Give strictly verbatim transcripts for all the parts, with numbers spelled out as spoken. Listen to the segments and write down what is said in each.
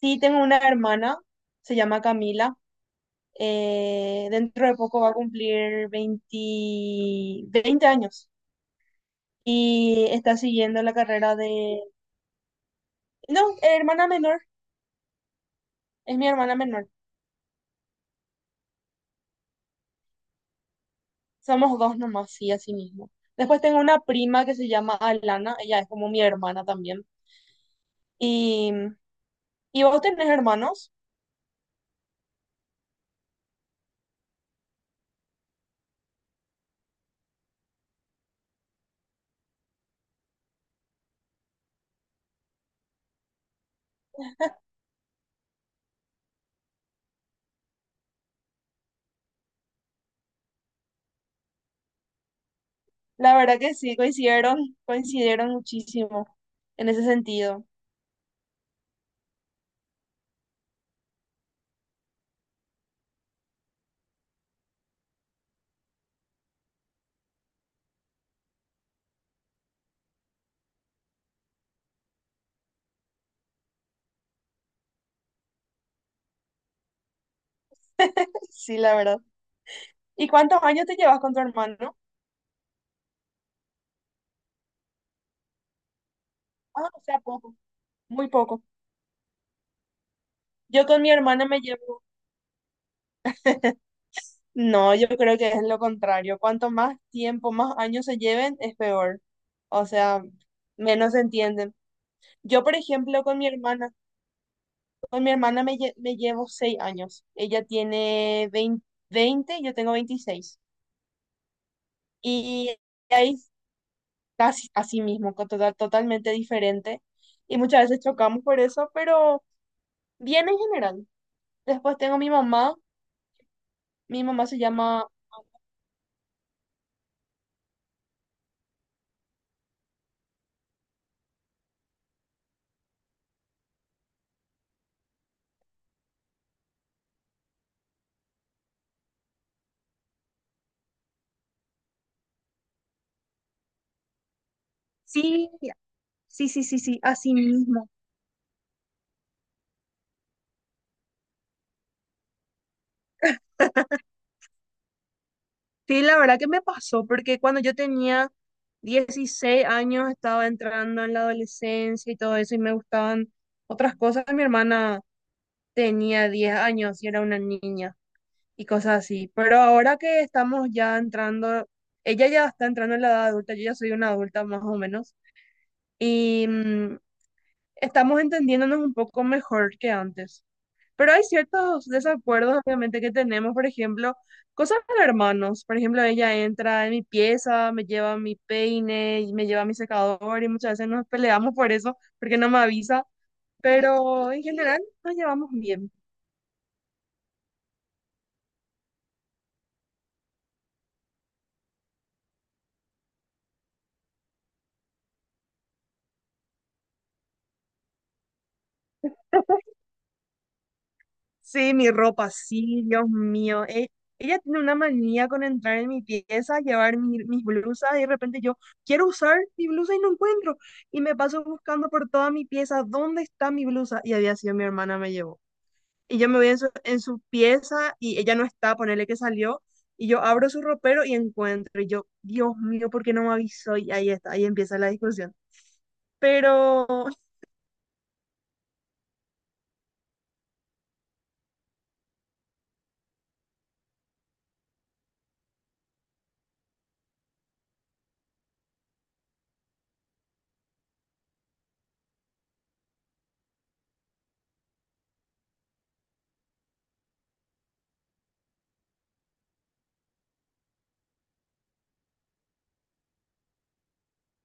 Sí, tengo una hermana, se llama Camila. Eh, dentro de poco va a cumplir veinte veinte años y está siguiendo la carrera de... No, hermana menor, es mi hermana menor. Somos dos nomás, sí, así mismo. Después tengo una prima que se llama Alana, ella es como mi hermana también. ¿Y, ¿y vos tenés hermanos? La verdad que sí, coincidieron, coincidieron muchísimo en ese sentido. Sí, la verdad. ¿Y cuántos años te llevas con tu hermano? Ah, o sea, poco, muy poco. Yo con mi hermana me llevo. No, yo creo que es lo contrario. Cuanto más tiempo, más años se lleven, es peor. O sea, menos se entienden. Yo, por ejemplo, con mi hermana, con mi hermana me, lle- me llevo seis años. Ella tiene veinte veinte yo tengo veintiséis. Y ahí casi así mismo, con total- totalmente diferente. Y muchas veces chocamos por eso, pero bien en general. Después tengo mi mamá. Mi mamá se llama... Sí, sí, sí, sí, sí, así mismo. Sí, la verdad que me pasó, porque cuando yo tenía dieciséis años estaba entrando en la adolescencia y todo eso, y me gustaban otras cosas. Mi hermana tenía diez años y era una niña y cosas así. Pero ahora que estamos ya entrando, ella ya está entrando en la edad adulta, yo ya soy una adulta más o menos, y mm, estamos entendiéndonos un poco mejor que antes. Pero hay ciertos desacuerdos, obviamente, que tenemos. Por ejemplo, cosas de hermanos. Por ejemplo, ella entra en mi pieza, me lleva mi peine, y me lleva mi secador y muchas veces nos peleamos por eso, porque no me avisa. Pero en general nos llevamos bien. Sí, mi ropa, sí, Dios mío. E- ella tiene una manía con entrar en mi pieza, llevar mi- mis blusas y de repente yo quiero usar mi blusa y no encuentro. Y me paso buscando por toda mi pieza, ¿dónde está mi blusa? Y había sido mi hermana, me llevó. Y yo me voy en su, en su pieza y ella no está, ponele que salió, y yo abro su ropero y encuentro, y yo, Dios mío, ¿por qué no me avisó? Y ahí está, ahí empieza la discusión. Pero,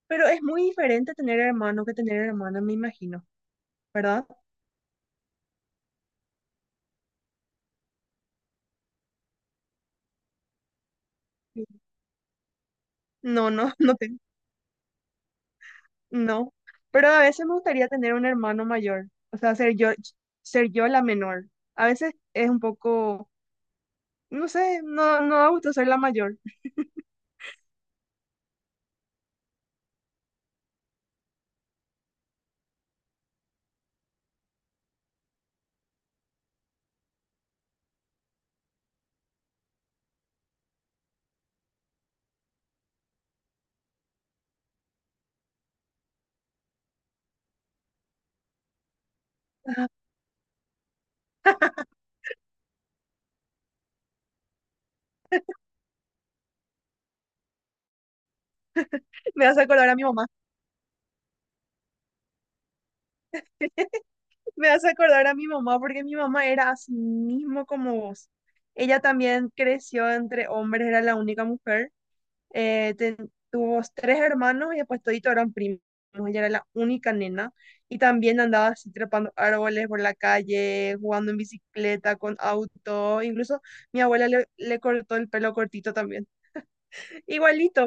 pero es muy diferente tener hermano que tener hermana, me imagino, ¿verdad? Sí. No, no, no tengo, no. Pero a veces me gustaría tener un hermano mayor, o sea, ser yo, ser yo la menor. A veces es un poco, no sé, no, no da gusto ser la mayor. Me hace acordar a mi mamá. Me hace acordar a mi mamá porque mi mamá era así mismo como vos. Ella también creció entre hombres, era la única mujer. Eh, ten- tuvo tres hermanos y después toditos eran primos. Ella era la única nena y también andaba así trepando árboles por la calle, jugando en bicicleta, con auto. Incluso mi abuela le, le cortó el pelo cortito también. Igualito.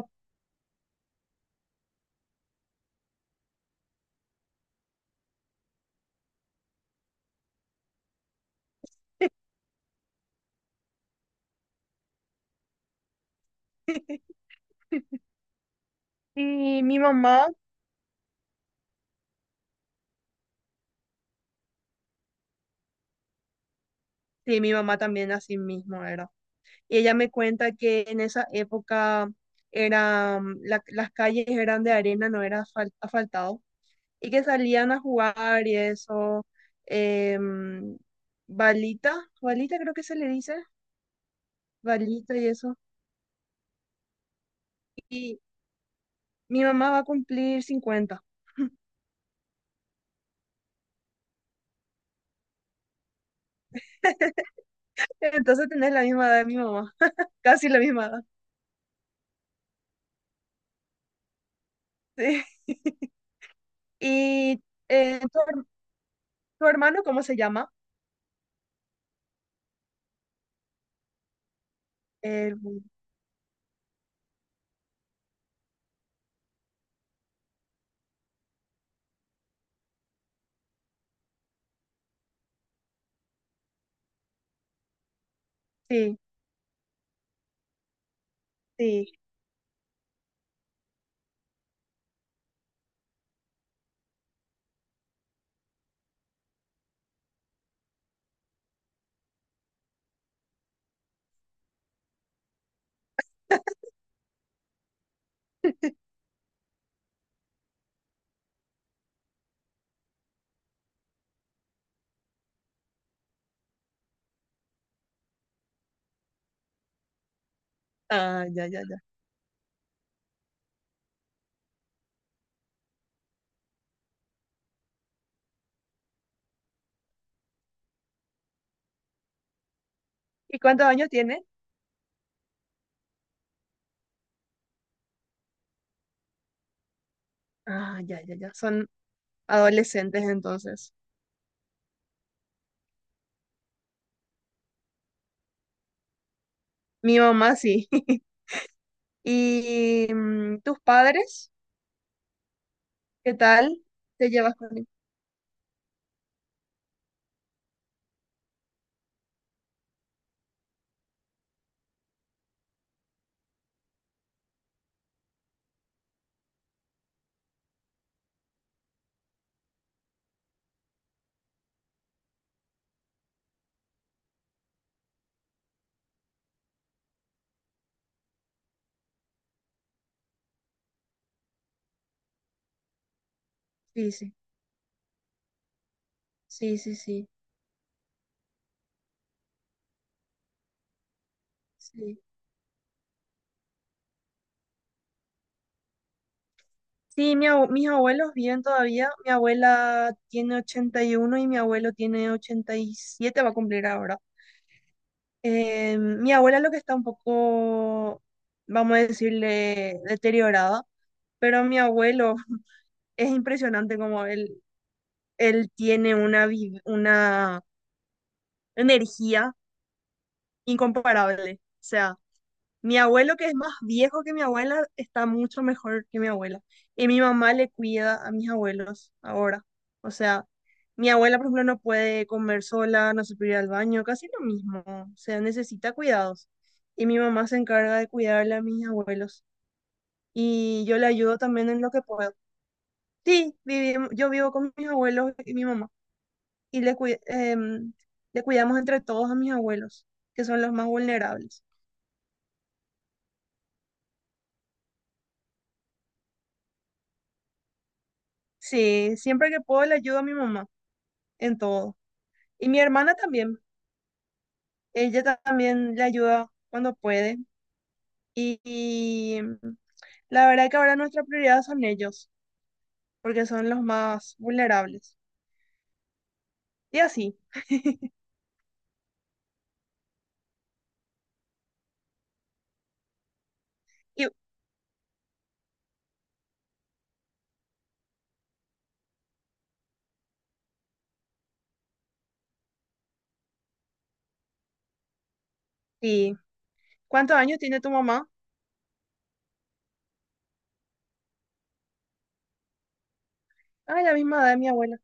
Y mi mamá, sí, mi mamá también así mismo era. Y ella me cuenta que en esa época eran, la- las calles eran de arena, no era asfal- asfaltado, y que salían a jugar y eso, em, balita, balita creo que se le dice, balita y eso, y mi mamá va a cumplir cincuenta. Entonces tenés la misma edad de mi mamá, casi la misma edad. Sí. Y eh, tu, her- tu hermano, ¿cómo se llama? El- sí, sí. Ah, ya, ya, ya. ¿Y cuántos años tiene? Ah, ya, ya, ya. Son adolescentes entonces. Mi mamá sí. ¿Y mm, tus padres? ¿Qué tal? ¿Te llevas con ellos? Sí, sí, sí, sí, sí. Sí, sí, mi abue- mis abuelos viven todavía. Mi abuela tiene ochenta y uno y mi abuelo tiene ochenta y siete. Va a cumplir ahora. Eh, mi abuela lo que está un poco, vamos a decirle, deteriorada, pero mi abuelo es impresionante como él, él tiene una, vi- una energía incomparable. O sea, mi abuelo, que es más viejo que mi abuela, está mucho mejor que mi abuela. Y mi mamá le cuida a mis abuelos ahora. O sea, mi abuela, por ejemplo, no puede comer sola, no se puede ir al baño, casi lo mismo. O sea, necesita cuidados. Y mi mamá se encarga de cuidarle a mis abuelos. Y yo le ayudo también en lo que puedo. Sí, vivimos, yo vivo con mis abuelos y mi mamá. Y le, cui- em, le cuidamos entre todos a mis abuelos, que son los más vulnerables. Sí, siempre que puedo le ayudo a mi mamá en todo. Y mi hermana también. Ella ta- también le ayuda cuando puede. Y, y la verdad que ahora nuestra prioridad son ellos, porque son los más vulnerables. Y así. ¿Y, ¿y cuántos años tiene tu mamá? Ah, la misma edad de mi abuela.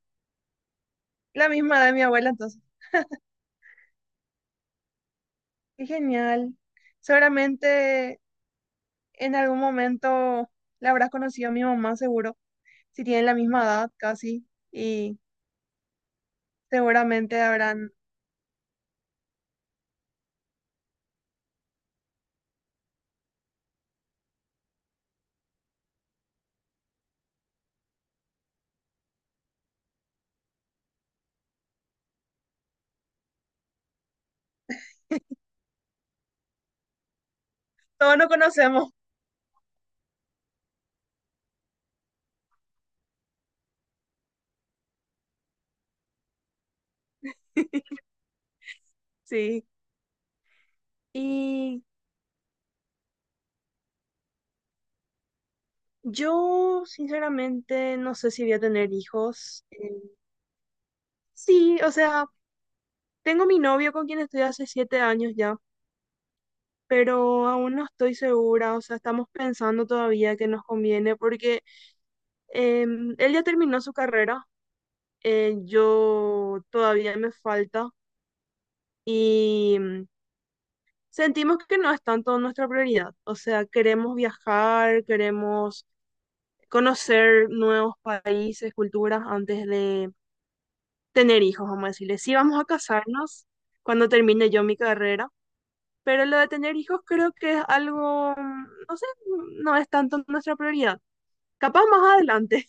La misma edad de mi abuela, entonces. Qué genial. Seguramente en algún momento la habrás conocido a mi mamá, seguro. Si tienen la misma edad, casi. Y seguramente habrán... Todos no conocemos. Sí. Y yo, sinceramente, no sé si voy a tener hijos. Eh, sí, o sea, tengo mi novio con quien estoy hace siete años ya, pero aún no estoy segura, o sea, estamos pensando todavía que nos conviene porque em, él ya terminó su carrera, eh, yo todavía me falta y mm, sentimos que no es tanto nuestra prioridad, o sea, queremos viajar, queremos conocer nuevos países, culturas antes de tener hijos, vamos a decirle. Sí, vamos a casarnos cuando termine yo mi carrera, pero lo de tener hijos creo que es algo, no sé, no es tanto nuestra prioridad. Capaz más adelante.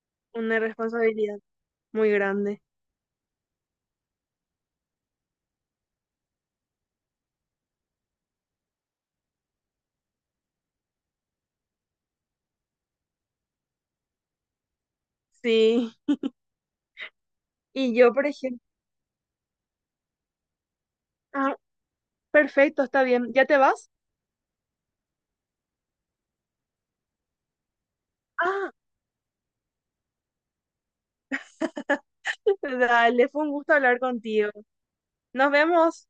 Una responsabilidad muy grande. Sí, y yo, por ejemplo, ah, perfecto, está bien, ¿ya te vas? Ah, dale, fue un gusto hablar contigo. Nos vemos.